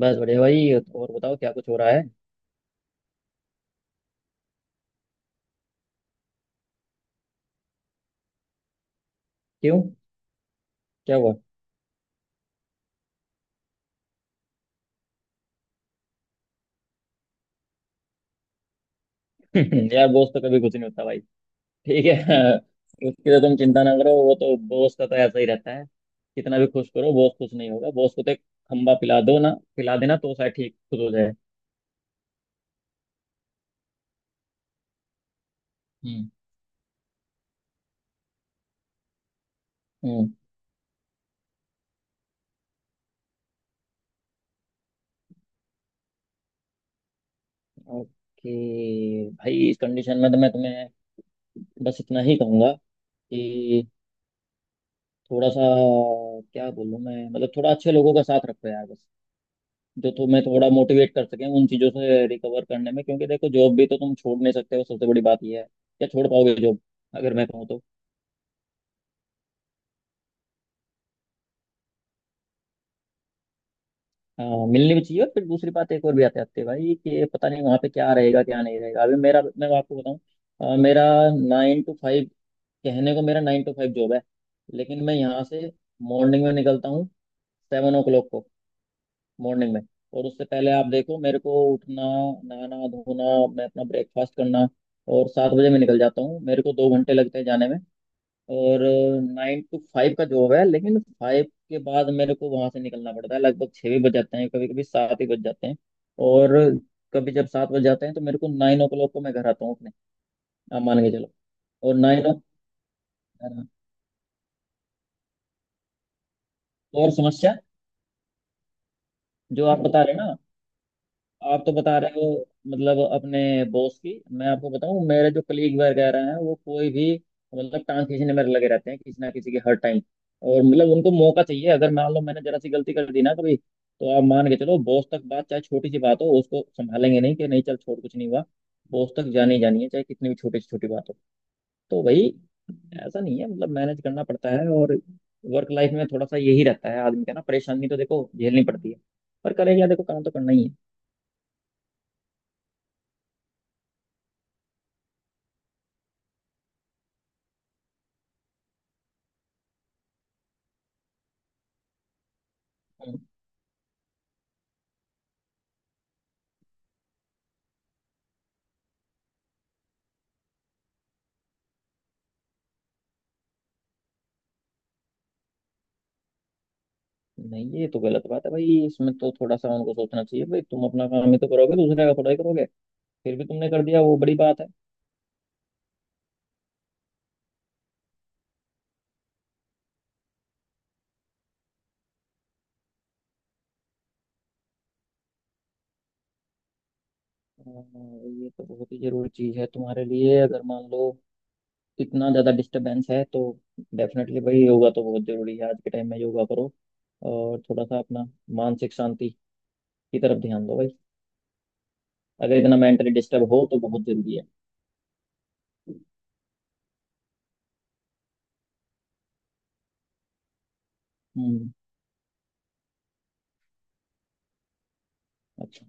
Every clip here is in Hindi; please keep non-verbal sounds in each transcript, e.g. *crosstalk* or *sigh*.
बस बढ़िया भाई। और बताओ क्या कुछ हो रहा है। क्यों? क्या हुआ? *laughs* यार बॉस तो कभी कुछ नहीं होता भाई। ठीक है। *laughs* उसकी तो तुम चिंता ना करो, वो तो बॉस का तो ऐसा ही रहता है। कितना भी खुश करो बॉस खुश नहीं होगा। बॉस को तो एक खम्बा पिला दो ना, पिला देना तो शायद ठीक खुश हो जाए। हम्म। हम्म। ओके भाई, इस कंडीशन में तो मैं तुम्हें बस इतना ही कहूंगा कि थोड़ा सा, क्या बोलूं मैं, मतलब थोड़ा अच्छे लोगों का साथ रखो यार बस। जो तुम्हें थोड़ा मोटिवेट कर सकें उन चीजों से रिकवर करने में, क्योंकि देखो जॉब भी तो तुम छोड़ नहीं सकते हो। सबसे बड़ी बात ये है, क्या छोड़ पाओगे जॉब अगर मैं कहूँ तो? हाँ, मिलनी भी चाहिए। और फिर दूसरी बात एक और भी आते आते भाई कि पता नहीं वहाँ पे क्या रहेगा क्या नहीं रहेगा। अभी मेरा, मैं आपको बताऊँ। मेरा 9 to 5, कहने को मेरा 9 to 5 जॉब है। लेकिन मैं यहाँ से मॉर्निंग में निकलता हूँ, 7 o'clock को, मॉर्निंग में। और उससे पहले आप देखो, मेरे को उठना, नहाना धोना, मैं अपना ब्रेकफास्ट करना, और 7 बजे मैं निकल जाता हूँ। मेरे को 2 घंटे लगते हैं जाने में। और 9 to 5 का जॉब है, लेकिन फाइव के बाद मेरे को वहां से निकलना पड़ता है। लगभग 6 भी बज जाते हैं, कभी कभी 7 ही बज जाते हैं। और कभी जब 7 बज जाते हैं तो मेरे को 9 o'clock को मैं घर आता हूँ, अपने आप मान के चलो। और नाइन ओ और समस्या जो आप बता रहे हैं ना, आप तो बता रहे हो मतलब अपने बॉस की। मैं आपको बताऊं मेरे जो कलीग वगैरह हैं वो कोई भी, मतलब टांग खींचने में लगे रहते हैं किसी ना किसी के हर टाइम। और मतलब उनको मौका चाहिए, अगर मान लो मैंने जरा सी गलती कर दी ना कभी, तो आप मान के चलो बॉस तक बात, चाहे छोटी सी बात हो, उसको संभालेंगे नहीं कि नहीं चल छोड़ कुछ नहीं हुआ। बॉस तक जानी ही जानी है, चाहे कितनी भी छोटी से छोटी बात हो। तो भाई ऐसा नहीं है, मतलब मैनेज करना पड़ता है। और वर्क लाइफ में थोड़ा सा यही रहता है आदमी का ना, परेशानी तो देखो झेलनी पड़ती है। पर करें क्या, देखो काम तो करना ही है। नहीं, ये तो गलत बात है भाई। इसमें तो थोड़ा सा उनको सोचना चाहिए भाई, तुम अपना काम ही तो करोगे, दूसरे का थोड़ा ही करोगे। फिर भी तुमने कर दिया, वो बड़ी बात है। हाँ, ये तो बहुत ही जरूरी चीज है तुम्हारे लिए। अगर मान लो इतना ज्यादा डिस्टरबेंस है तो डेफिनेटली भाई, योगा तो बहुत जरूरी है आज के टाइम में, योगा करो। और थोड़ा सा अपना मानसिक शांति की तरफ ध्यान दो भाई, अगर इतना मेंटली डिस्टर्ब हो तो बहुत जरूरी है। हम्म। अच्छा।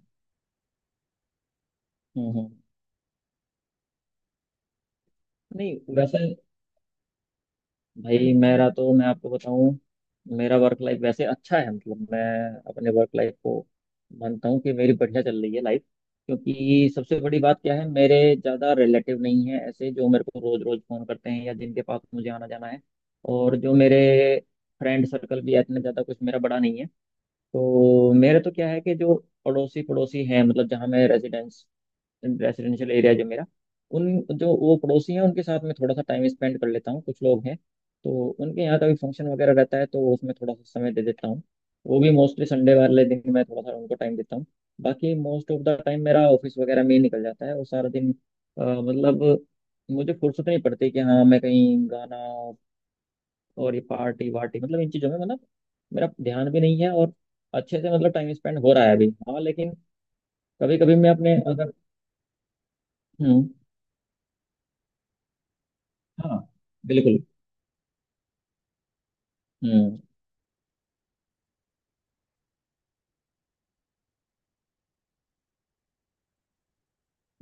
हम्म। हम्म। नहीं वैसे भाई मेरा तो, मैं आपको बताऊं, मेरा वर्क लाइफ वैसे अच्छा है, मतलब मैं अपने वर्क लाइफ को मानता हूँ कि मेरी बढ़िया चल रही है लाइफ। क्योंकि सबसे बड़ी बात क्या है, मेरे ज़्यादा रिलेटिव नहीं है ऐसे जो मेरे को रोज़ रोज़ फ़ोन करते हैं या जिनके पास मुझे आना जाना है। और जो मेरे फ्रेंड सर्कल भी है, इतना ज़्यादा कुछ मेरा बड़ा नहीं है। तो मेरे तो क्या है कि जो पड़ोसी पड़ोसी हैं, मतलब जहाँ मैं रेजिडेंस रेसिडेंशियल एरिया जो मेरा, उन, जो वो पड़ोसी हैं उनके साथ में थोड़ा सा टाइम स्पेंड कर लेता हूँ, कुछ लोग हैं। तो उनके यहाँ का भी फंक्शन वगैरह रहता है तो उसमें थोड़ा सा समय दे देता हूँ। वो भी मोस्टली संडे वाले दिन मैं थोड़ा सा उनको टाइम देता हूँ। बाकी मोस्ट ऑफ द टाइम मेरा ऑफिस वगैरह में ही निकल जाता है वो सारा दिन। मतलब मुझे फुर्सत नहीं पड़ती कि हाँ मैं कहीं गाना, और ये पार्टी वार्टी मतलब इन चीज़ों में, मतलब मेरा ध्यान भी नहीं है। और अच्छे से मतलब टाइम स्पेंड हो रहा है अभी, हाँ लेकिन कभी कभी मैं अपने अगर, हम्म, हाँ बिल्कुल, हम्म,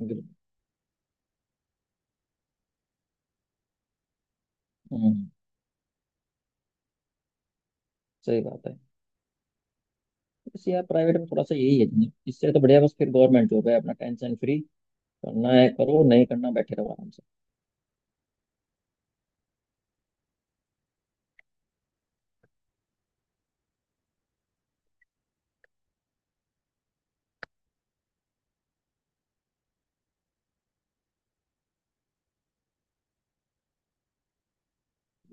बिल्कुल, हम्म, सही बात है। बस यार प्राइवेट में थोड़ा सा यही है। इससे तो बढ़िया बस फिर गवर्नमेंट जॉब है अपना, टेंशन फ्री। करना है करो, नहीं करना बैठे रहो आराम से।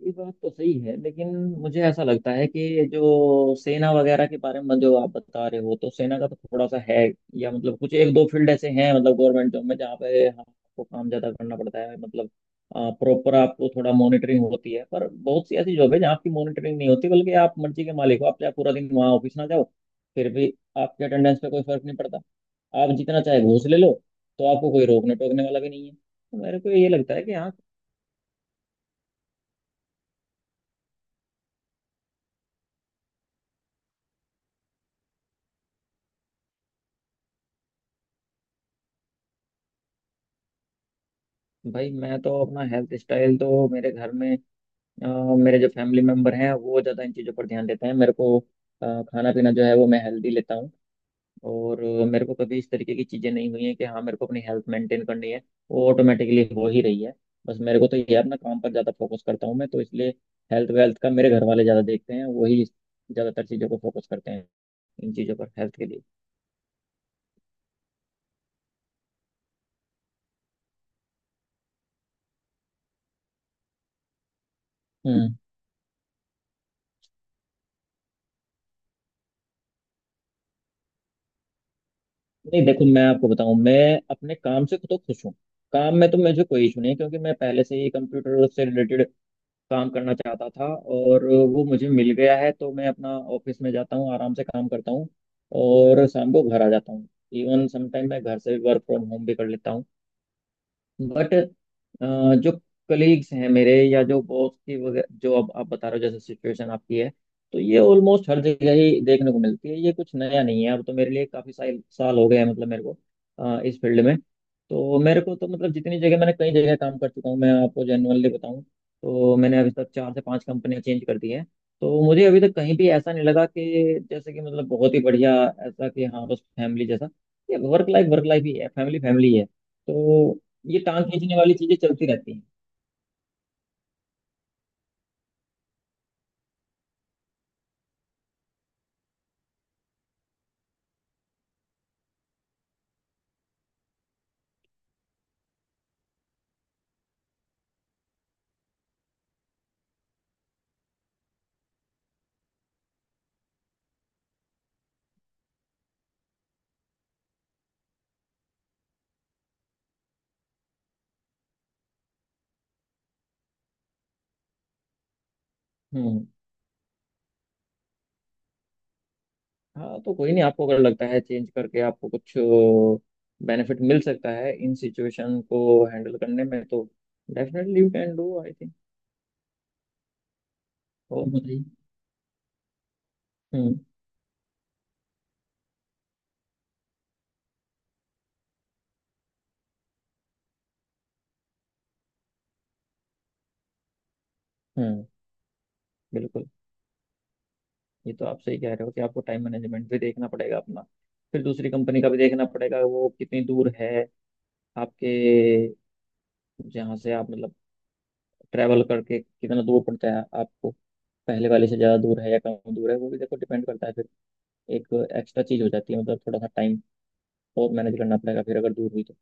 ये बात तो सही है, लेकिन मुझे ऐसा लगता है कि जो सेना वगैरह के बारे में जो आप बता रहे हो, तो सेना का तो थोड़ा सा है। या मतलब कुछ एक दो फील्ड ऐसे हैं मतलब गवर्नमेंट जॉब में, जहाँ पे आपको काम ज्यादा करना पड़ता है, मतलब प्रॉपर आपको थोड़ा मॉनिटरिंग होती है। पर बहुत सी ऐसी जॉब है जहाँ आपकी मॉनिटरिंग नहीं होती, बल्कि आप मर्जी के मालिक हो। आप चाहे पूरा दिन वहाँ ऑफिस ना जाओ, फिर भी आपके अटेंडेंस पे कोई फर्क नहीं पड़ता। आप जितना चाहे घूस ले लो, तो आपको कोई रोकने टोकने वाला भी नहीं है। तो मेरे को ये लगता है कि हाँ। भाई मैं तो अपना हेल्थ स्टाइल तो मेरे घर में, अ, मेरे जो फैमिली मेम्बर हैं वो ज़्यादा इन चीज़ों पर ध्यान देते हैं। मेरे को खाना पीना जो है वो मैं हेल्दी लेता हूँ। और मेरे को कभी इस तरीके की चीज़ें नहीं हुई हैं कि हाँ मेरे को अपनी हेल्थ मेंटेन करनी है। वो ऑटोमेटिकली हो ही रही है। बस मेरे को तो ये है, अपना काम पर ज़्यादा फोकस करता हूँ मैं तो, इसलिए हेल्थ वेल्थ का मेरे घर वाले ज़्यादा देखते हैं। वही ज़्यादातर चीज़ों को फोकस करते हैं इन चीज़ों पर, हेल्थ के लिए। नहीं देखो, मैं आपको बताऊं, मैं अपने काम से तो खुश हूँ। काम में तो मुझे कोई इशू नहीं है, क्योंकि मैं पहले से ही कंप्यूटर से रिलेटेड काम करना चाहता था और वो मुझे मिल गया है। तो मैं अपना ऑफिस में जाता हूँ आराम से काम करता हूँ और शाम को घर आ जाता हूँ। इवन समटाइम मैं घर से वर्क फ्रॉम होम भी कर लेता हूँ। बट अ, जो कलीग्स हैं मेरे या जो बॉस की वगैरह, जो अब आप बता रहे हो जैसे सिचुएशन आपकी है, तो ये ऑलमोस्ट हर जगह ही देखने को मिलती है, ये कुछ नया नहीं है। अब तो मेरे लिए काफी साल साल हो गए हैं मतलब मेरे को, इस फील्ड में तो मेरे को तो मतलब जितनी जगह, मैंने कई जगह काम कर चुका हूँ, मैं आपको जेनुअनली बताऊँ। तो मैंने अभी तक 4 से 5 कंपनियां चेंज कर दी हैं। तो मुझे अभी तक कहीं भी ऐसा नहीं लगा कि जैसे कि मतलब बहुत ही बढ़िया, ऐसा कि हाँ बस फैमिली जैसा। ये वर्क लाइफ ही है, फैमिली फैमिली है तो। ये टांग खींचने वाली चीजें चलती रहती हैं। हम्म। हाँ तो कोई नहीं, आपको अगर लगता है चेंज करके आपको कुछ बेनिफिट मिल सकता है इन सिचुएशन को हैंडल करने में तो definitely you can do I think. और बताइए। हम्म। हम्म। बिल्कुल। ये तो आप सही कह रहे हो कि आपको टाइम मैनेजमेंट भी देखना पड़ेगा अपना। फिर दूसरी कंपनी का भी देखना पड़ेगा, वो कितनी दूर है आपके, जहाँ से आप मतलब ट्रैवल करके कितना दूर पड़ता है आपको, पहले वाले से ज़्यादा दूर है या कम दूर है, वो भी देखो डिपेंड करता है। एक एक्स्ट्रा चीज हो जाती है, मतलब थोड़ा सा टाइम और मैनेज करना पड़ेगा फिर अगर दूर हुई तो,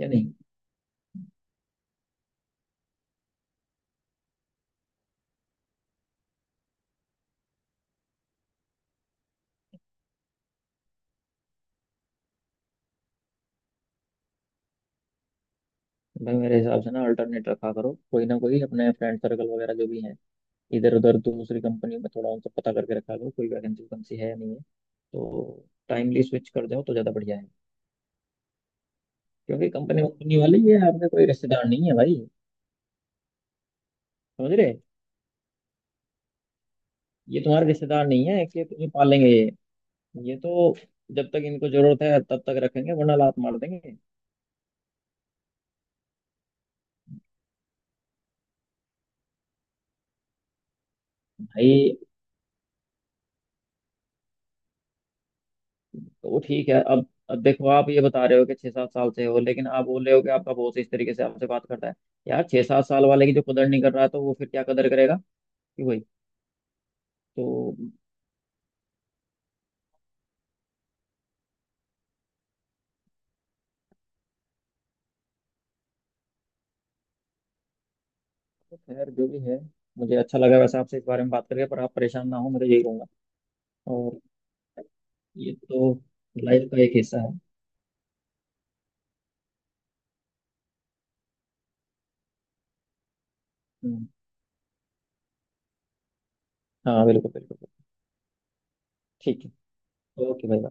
या नहीं। भाई मेरे हिसाब से ना, अल्टरनेट रखा करो। कोई ना कोई अपने फ्रेंड सर्कल वगैरह जो भी हैं, इधर उधर दूसरी कंपनी में थोड़ा उनसे पता करके रखा करो कोई वैकेंसी वैकेंसी है या नहीं है। तो टाइमली स्विच कर जाओ तो ज़्यादा बढ़िया है। क्योंकि कंपनी कंपनी वाले ये आपके कोई रिश्तेदार नहीं है भाई, समझ रहे? ये तुम्हारे रिश्तेदार नहीं है कि तुम्हें पालेंगे ये। ये तो जब तक इनको जरूरत है तब तक रखेंगे, वरना लात मार देंगे भाई। तो ठीक है। अब देखो, आप ये बता रहे हो कि 6-7 साल से हो, लेकिन आप बोल रहे हो कि आपका बॉस इस तरीके से आपसे बात करता है। यार 6-7 साल वाले की जो कदर नहीं कर रहा है तो वो फिर क्या कदर करेगा, कि वही तो। खैर जो भी है, मुझे अच्छा लगा वैसे आपसे इस बारे में बात करके। पर आप परेशान ना हो, मैं तो यही कहूंगा। और ये तो लाइफ का एक हिस्सा है। हम्म, हाँ बिल्कुल बिल्कुल बिल्कुल। ठीक है ओके भाई।